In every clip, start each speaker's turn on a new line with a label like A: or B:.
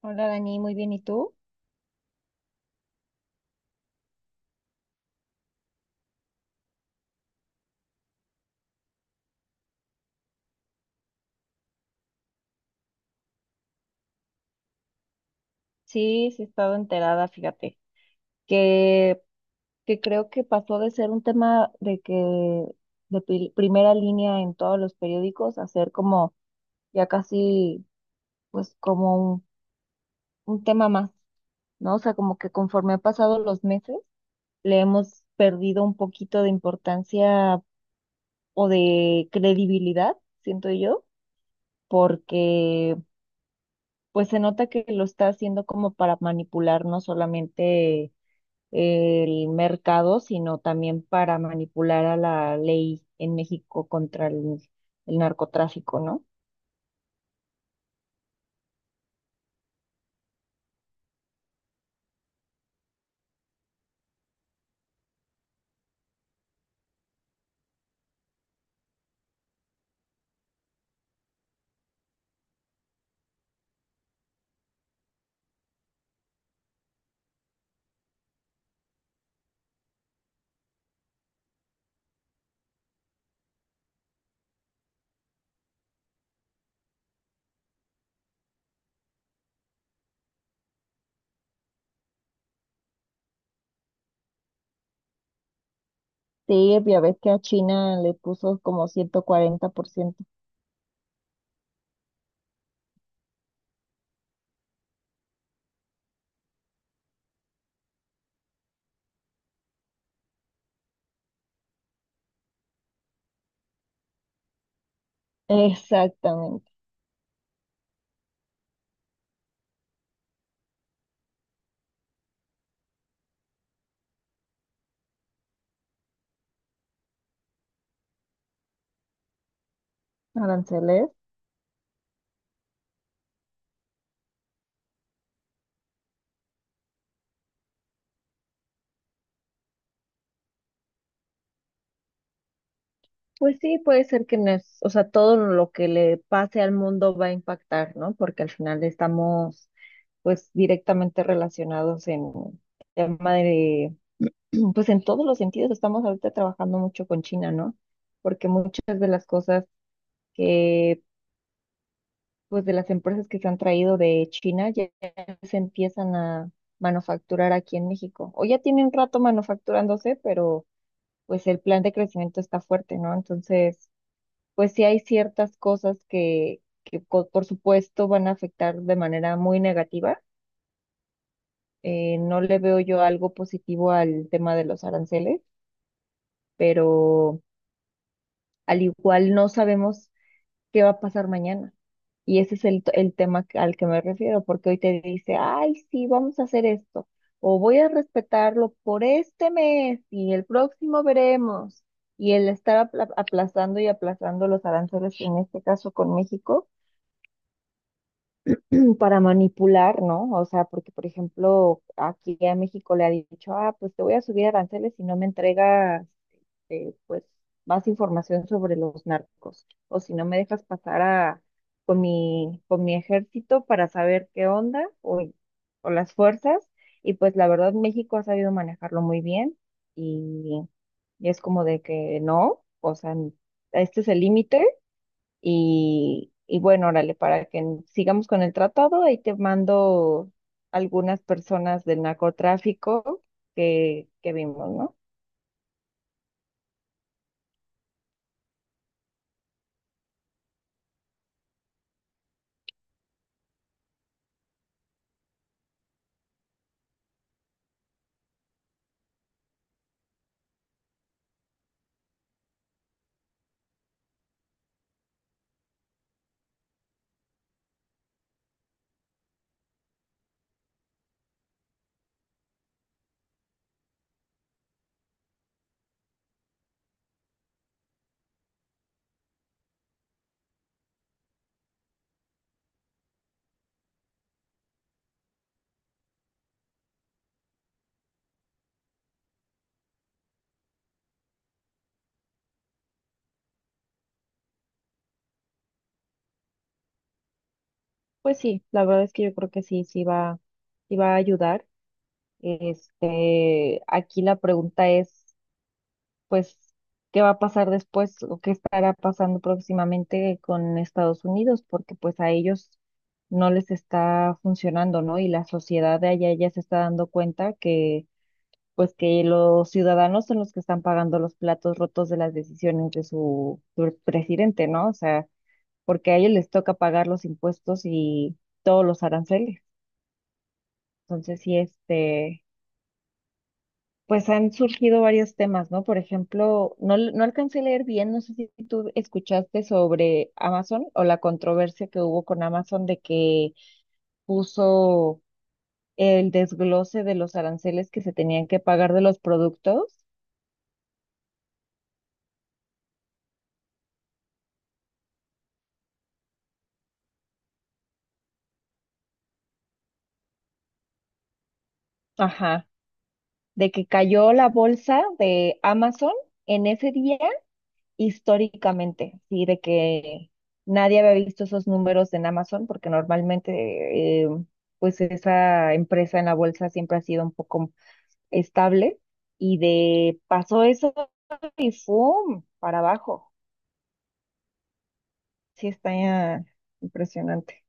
A: Hola Dani, muy bien. ¿Y tú? Sí, sí he estado enterada, fíjate, que, que creo que pasó de ser un tema de primera línea en todos los periódicos a ser como ya casi, pues como un tema más, ¿no? O sea, como que conforme han pasado los meses, le hemos perdido un poquito de importancia o de credibilidad, siento yo, porque pues se nota que lo está haciendo como para manipular, no solamente el mercado, sino también para manipular a la ley en México contra el narcotráfico, ¿no? Sí, ya ves que a China le puso como 140%. Exactamente, aranceles. Pues sí, puede ser que no es, o sea, todo lo que le pase al mundo va a impactar, ¿no? Porque al final estamos, pues, directamente relacionados en tema de pues en todos los sentidos estamos ahorita trabajando mucho con China, ¿no? Porque muchas de las cosas que, pues de las empresas que se han traído de China ya se empiezan a manufacturar aquí en México. O ya tienen rato manufacturándose, pero pues el plan de crecimiento está fuerte, ¿no? Entonces, pues sí hay ciertas cosas que por supuesto van a afectar de manera muy negativa. No le veo yo algo positivo al tema de los aranceles, pero al igual no sabemos qué va a pasar mañana. Y ese es el tema al que me refiero, porque hoy te dice, ay, sí, vamos a hacer esto, o voy a respetarlo por este mes y el próximo veremos. Y el estar aplazando y aplazando los aranceles, en este caso con México para manipular, ¿no? O sea, porque, por ejemplo, aquí a México le ha dicho, ah, pues te voy a subir aranceles si no me entregas, pues, más información sobre los narcos, o si no me dejas pasar a, con mi ejército para saber qué onda, o las fuerzas, y pues la verdad México ha sabido manejarlo muy bien, y, y es como de que no, o sea, este es el límite, y bueno, órale, para que sigamos con el tratado, ahí te mando algunas personas del narcotráfico que vimos, ¿no? Pues sí, la verdad es que yo creo que sí, sí va a ayudar. Este, aquí la pregunta es, pues, ¿qué va a pasar después o qué estará pasando próximamente con Estados Unidos? Porque pues a ellos no les está funcionando, ¿no? Y la sociedad de allá ya se está dando cuenta que pues que los ciudadanos son los que están pagando los platos rotos de las decisiones de su presidente, ¿no? O sea, porque a ellos les toca pagar los impuestos y todos los aranceles. Entonces, sí, pues han surgido varios temas, ¿no? Por ejemplo, no, no alcancé a leer bien, no sé si tú escuchaste sobre Amazon o la controversia que hubo con Amazon de que puso el desglose de los aranceles que se tenían que pagar de los productos. Ajá, de que cayó la bolsa de Amazon en ese día históricamente, sí, de que nadie había visto esos números en Amazon porque normalmente pues esa empresa en la bolsa siempre ha sido un poco estable y de pasó eso y ¡fum! Para abajo. Sí, está impresionante.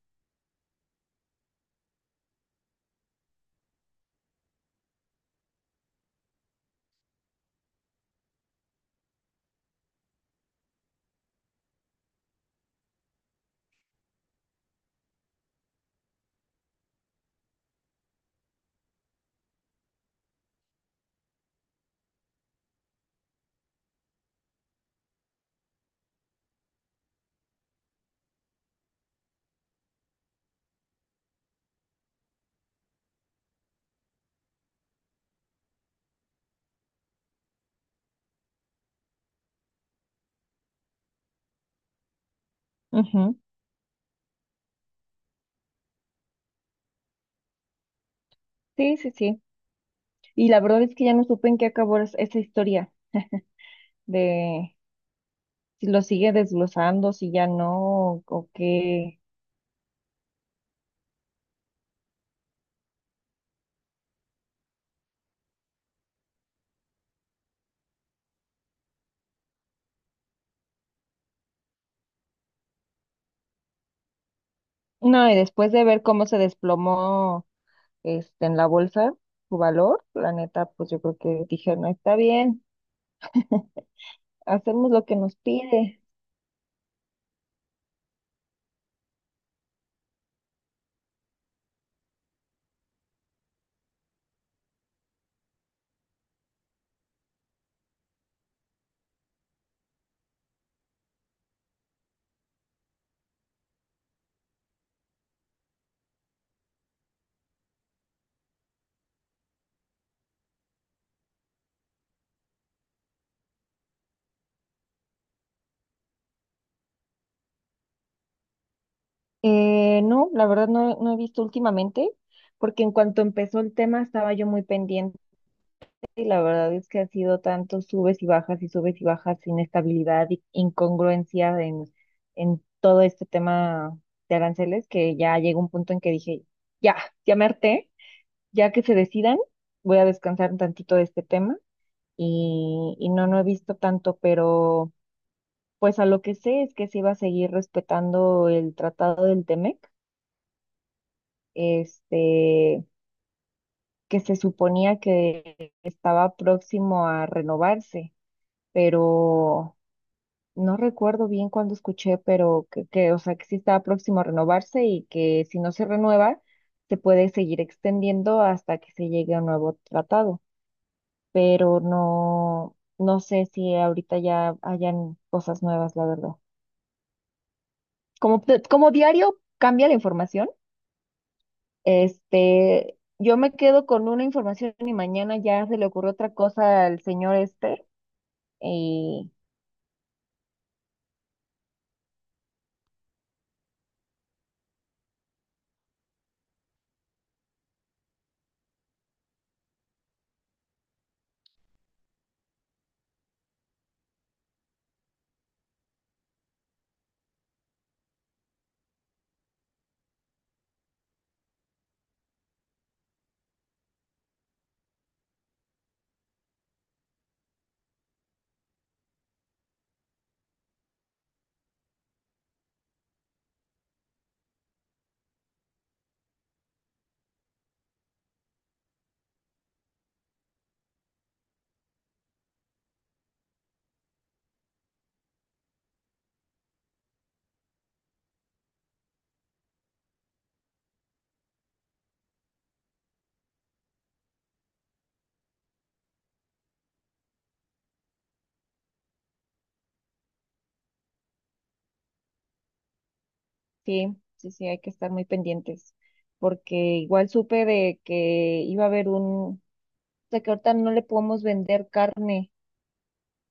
A: Ujú. Sí, sí, sí. Y la verdad es que ya no supe en qué acabó esa historia de si lo sigue desglosando, si ya no, o qué. No, y después de ver cómo se desplomó este en la bolsa su valor, la neta, pues yo creo que dije, no está bien, hacemos lo que nos pide. No, la verdad no, no he visto últimamente, porque en cuanto empezó el tema estaba yo muy pendiente y la verdad es que ha sido tanto subes y bajas y subes y bajas, inestabilidad y incongruencia en todo este tema de aranceles que ya llegó un punto en que dije, ya, ya me harté. Ya que se decidan, voy a descansar un tantito de este tema y no, no he visto tanto, pero pues a lo que sé es que se iba a seguir respetando el tratado del Temec, este, que se suponía que estaba próximo a renovarse, pero no recuerdo bien cuándo escuché, pero o sea, que sí estaba próximo a renovarse y que si no se renueva, se puede seguir extendiendo hasta que se llegue a un nuevo tratado. Pero no, no sé si ahorita ya hayan cosas nuevas, la verdad. Como, como diario cambia la información, este, yo me quedo con una información y mañana ya se le ocurrió otra cosa al señor Esper. Y sí, sí, sí, hay que estar muy pendientes, porque igual supe de que iba a haber un, de que ahorita no le podemos vender carne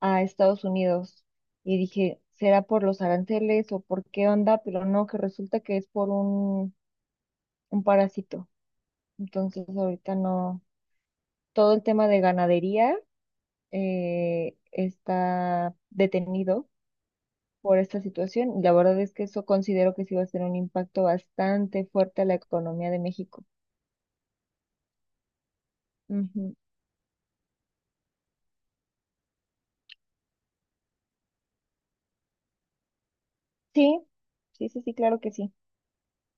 A: a Estados Unidos y dije, ¿será por los aranceles o por qué onda? Pero no, que resulta que es por un, parásito. Entonces ahorita no, todo el tema de ganadería está detenido por esta situación. Y la verdad es que eso considero que sí va a ser un impacto bastante fuerte a la economía de México. Ujú. Sí, sí, sí, sí, claro que sí.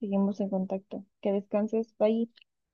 A: Seguimos en contacto. Que descanses, bye.